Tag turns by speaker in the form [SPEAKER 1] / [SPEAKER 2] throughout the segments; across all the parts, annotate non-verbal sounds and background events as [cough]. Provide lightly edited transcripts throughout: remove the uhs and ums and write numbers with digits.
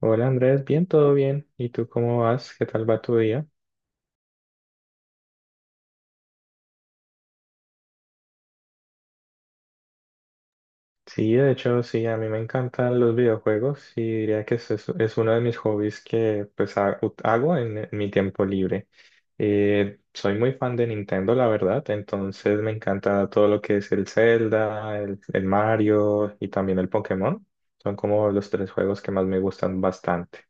[SPEAKER 1] Hola Andrés, bien, todo bien. ¿Y tú cómo vas? ¿Qué tal va tu día? Sí, de hecho, sí, a mí me encantan los videojuegos y diría que es uno de mis hobbies que pues hago en mi tiempo libre. Soy muy fan de Nintendo, la verdad, entonces me encanta todo lo que es el Zelda, el Mario y también el Pokémon. Son como los tres juegos que más me gustan bastante.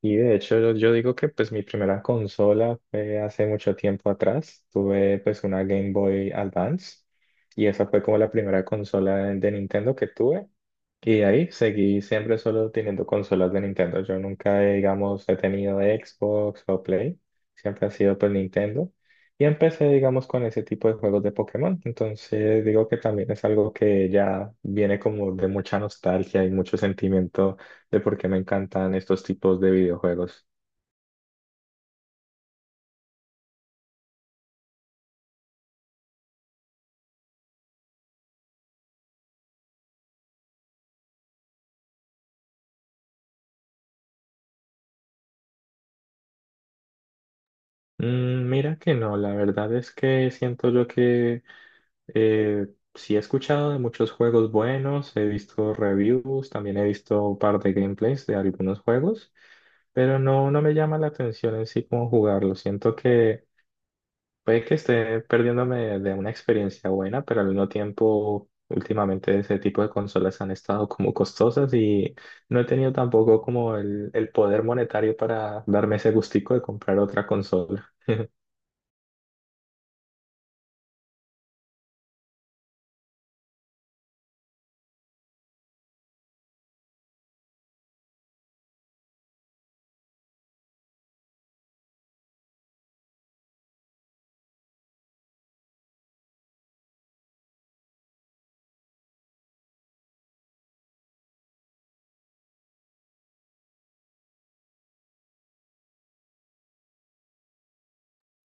[SPEAKER 1] Y de hecho yo digo que pues mi primera consola fue hace mucho tiempo atrás. Tuve pues una Game Boy Advance y esa fue como la primera consola de Nintendo que tuve. Y de ahí seguí siempre solo teniendo consolas de Nintendo. Yo nunca, digamos, he tenido Xbox o Play. Siempre ha sido pues Nintendo. Y empecé, digamos, con ese tipo de juegos de Pokémon. Entonces digo que también es algo que ya viene como de mucha nostalgia y mucho sentimiento de por qué me encantan estos tipos de videojuegos. Mm, mira que no, la verdad es que siento yo que eh, sí he escuchado de muchos juegos buenos, he visto reviews, también he visto un par de gameplays de algunos juegos, pero no me llama la atención en sí cómo jugarlo. Siento que puede que esté perdiéndome de una experiencia buena, pero al mismo tiempo, últimamente ese tipo de consolas han estado como costosas y no he tenido tampoco como el poder monetario para darme ese gustico de comprar otra consola. [laughs]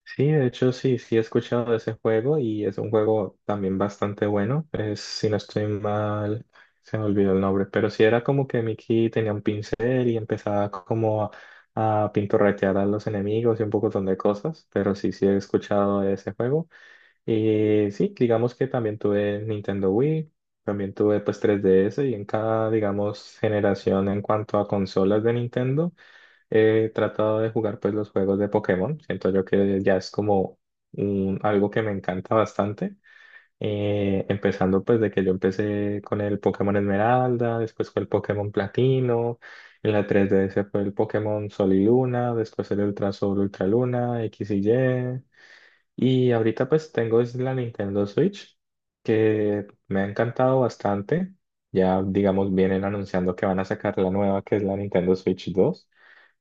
[SPEAKER 1] Sí, de hecho sí, sí he escuchado de ese juego y es un juego también bastante bueno. Es, si no estoy mal, se me olvidó el nombre, pero sí era como que Mickey tenía un pincel y empezaba como a pintorretear a los enemigos y un montón de cosas, pero sí, sí he escuchado de ese juego. Y sí, digamos que también tuve Nintendo Wii, también tuve pues 3DS y en cada, digamos, generación en cuanto a consolas de Nintendo he tratado de jugar pues los juegos de Pokémon. Siento yo que ya es como algo que me encanta bastante. Empezando pues de que yo empecé con el Pokémon Esmeralda, después con el Pokémon Platino, en la 3DS fue el Pokémon Sol y Luna, después el Ultra Sol, Ultra Luna, X y Y. Y ahorita pues tengo es la Nintendo Switch, que me ha encantado bastante. Ya digamos vienen anunciando que van a sacar la nueva que es la Nintendo Switch 2,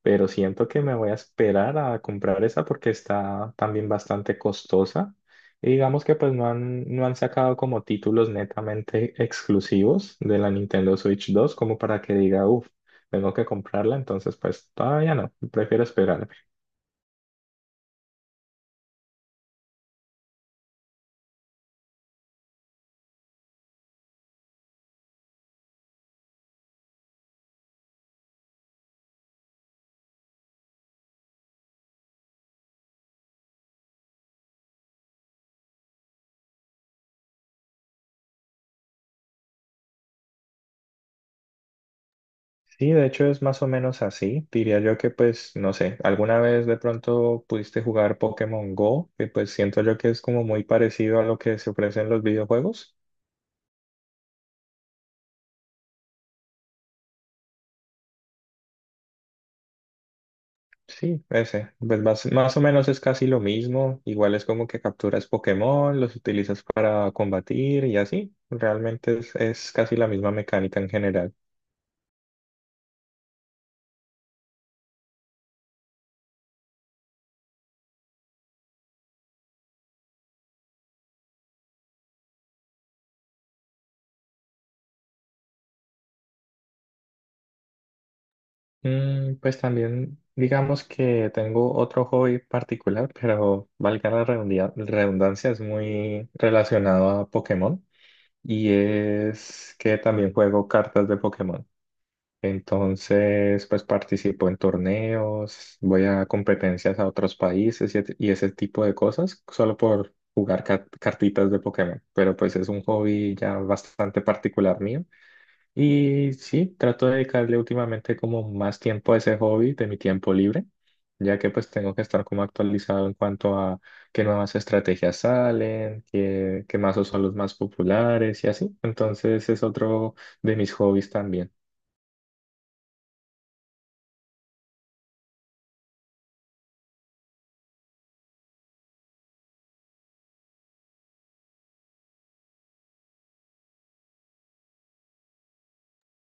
[SPEAKER 1] pero siento que me voy a esperar a comprar esa porque está también bastante costosa. Y digamos que pues no han sacado como títulos netamente exclusivos de la Nintendo Switch 2 como para que diga, uff, tengo que comprarla, entonces pues todavía no, prefiero esperarme. Sí, de hecho es más o menos así. Diría yo que pues, no sé, alguna vez de pronto pudiste jugar Pokémon Go, que pues siento yo que es como muy parecido a lo que se ofrece en los videojuegos. Sí, ese. Pues más o menos es casi lo mismo. Igual es como que capturas Pokémon, los utilizas para combatir y así. Realmente es casi la misma mecánica en general. Mm, pues también digamos que tengo otro hobby particular, pero valga la redundancia, es muy relacionado a Pokémon. Y es que también juego cartas de Pokémon. Entonces, pues participo en torneos, voy a competencias a otros países y, y ese tipo de cosas, solo por jugar cartitas de Pokémon. Pero pues es un hobby ya bastante particular mío. Y sí, trato de dedicarle últimamente como más tiempo a ese hobby de mi tiempo libre, ya que pues tengo que estar como actualizado en cuanto a qué nuevas estrategias salen, qué mazos son los más populares y así. Entonces es otro de mis hobbies también.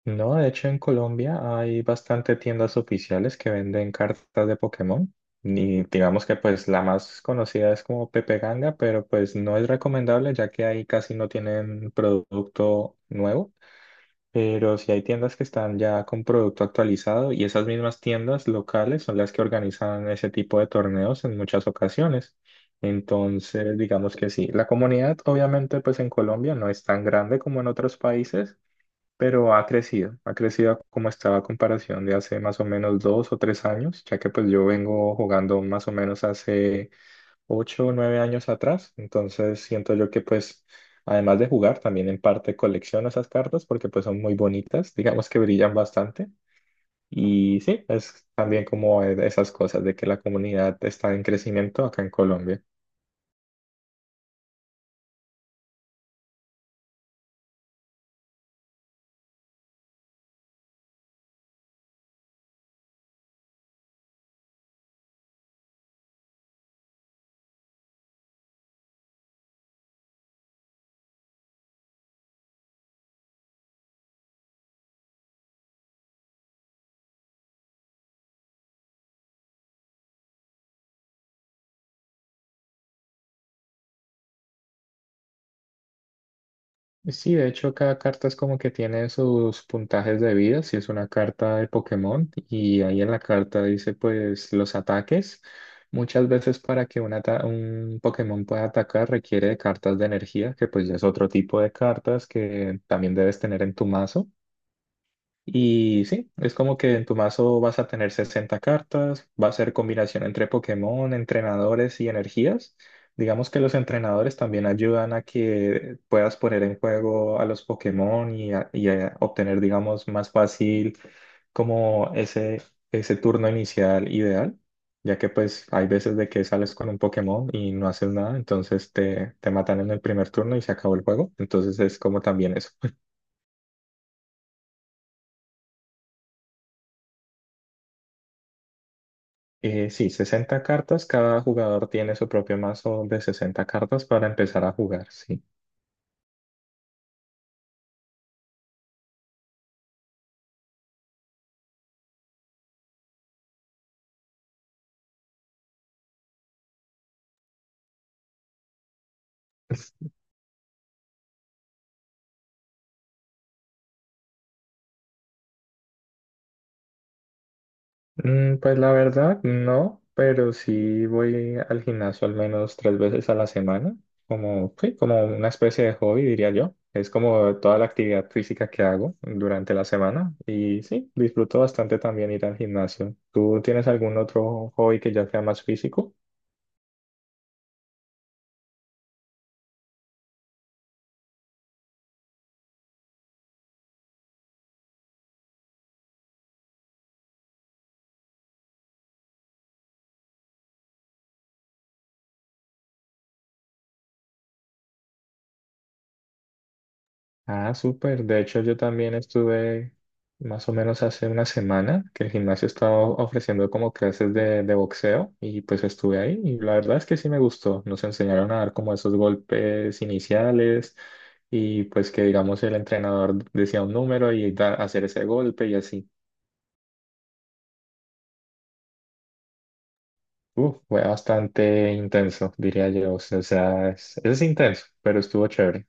[SPEAKER 1] No, de hecho en Colombia hay bastante tiendas oficiales que venden cartas de Pokémon. Y digamos que pues la más conocida es como Pepe Ganga, pero pues no es recomendable ya que ahí casi no tienen producto nuevo. Pero sí hay tiendas que están ya con producto actualizado y esas mismas tiendas locales son las que organizan ese tipo de torneos en muchas ocasiones. Entonces, digamos que sí, la comunidad obviamente pues en Colombia no es tan grande como en otros países, pero ha crecido como estaba a comparación de hace más o menos dos o tres años, ya que pues yo vengo jugando más o menos hace ocho o nueve años atrás, entonces siento yo que pues además de jugar también en parte colecciono esas cartas porque pues son muy bonitas, digamos que brillan bastante y sí, es también como esas cosas de que la comunidad está en crecimiento acá en Colombia. Sí, de hecho cada carta es como que tiene sus puntajes de vida, si es una carta de Pokémon y ahí en la carta dice pues los ataques. Muchas veces para que un Pokémon pueda atacar requiere de cartas de energía, que pues ya es otro tipo de cartas que también debes tener en tu mazo. Y sí, es como que en tu mazo vas a tener 60 cartas, va a ser combinación entre Pokémon, entrenadores y energías. Digamos que los entrenadores también ayudan a que puedas poner en juego a los Pokémon y, y a obtener, digamos, más fácil como ese turno inicial ideal, ya que pues hay veces de que sales con un Pokémon y no haces nada, entonces te matan en el primer turno y se acabó el juego. Entonces es como también eso. Sí, 60 cartas. Cada jugador tiene su propio mazo de 60 cartas para empezar a jugar, sí. Mm, pues la verdad, no, pero sí voy al gimnasio al menos tres veces a la semana, como, sí, como una especie de hobby, diría yo. Es como toda la actividad física que hago durante la semana y sí, disfruto bastante también ir al gimnasio. ¿Tú tienes algún otro hobby que ya sea más físico? Ah, súper. De hecho, yo también estuve más o menos hace una semana que el gimnasio estaba ofreciendo como clases de boxeo y pues estuve ahí y la verdad es que sí me gustó. Nos enseñaron a dar como esos golpes iniciales y pues que digamos el entrenador decía un número y hacer ese golpe y así. Uf, fue bastante intenso, diría yo. O sea, es intenso, pero estuvo chévere.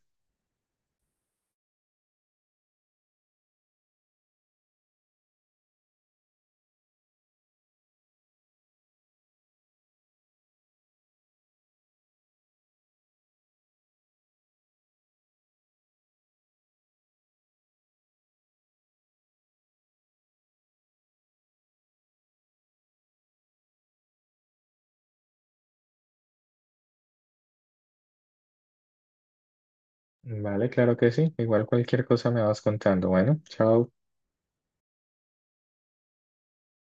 [SPEAKER 1] Vale, claro que sí. Igual cualquier cosa me vas contando. Bueno, chao.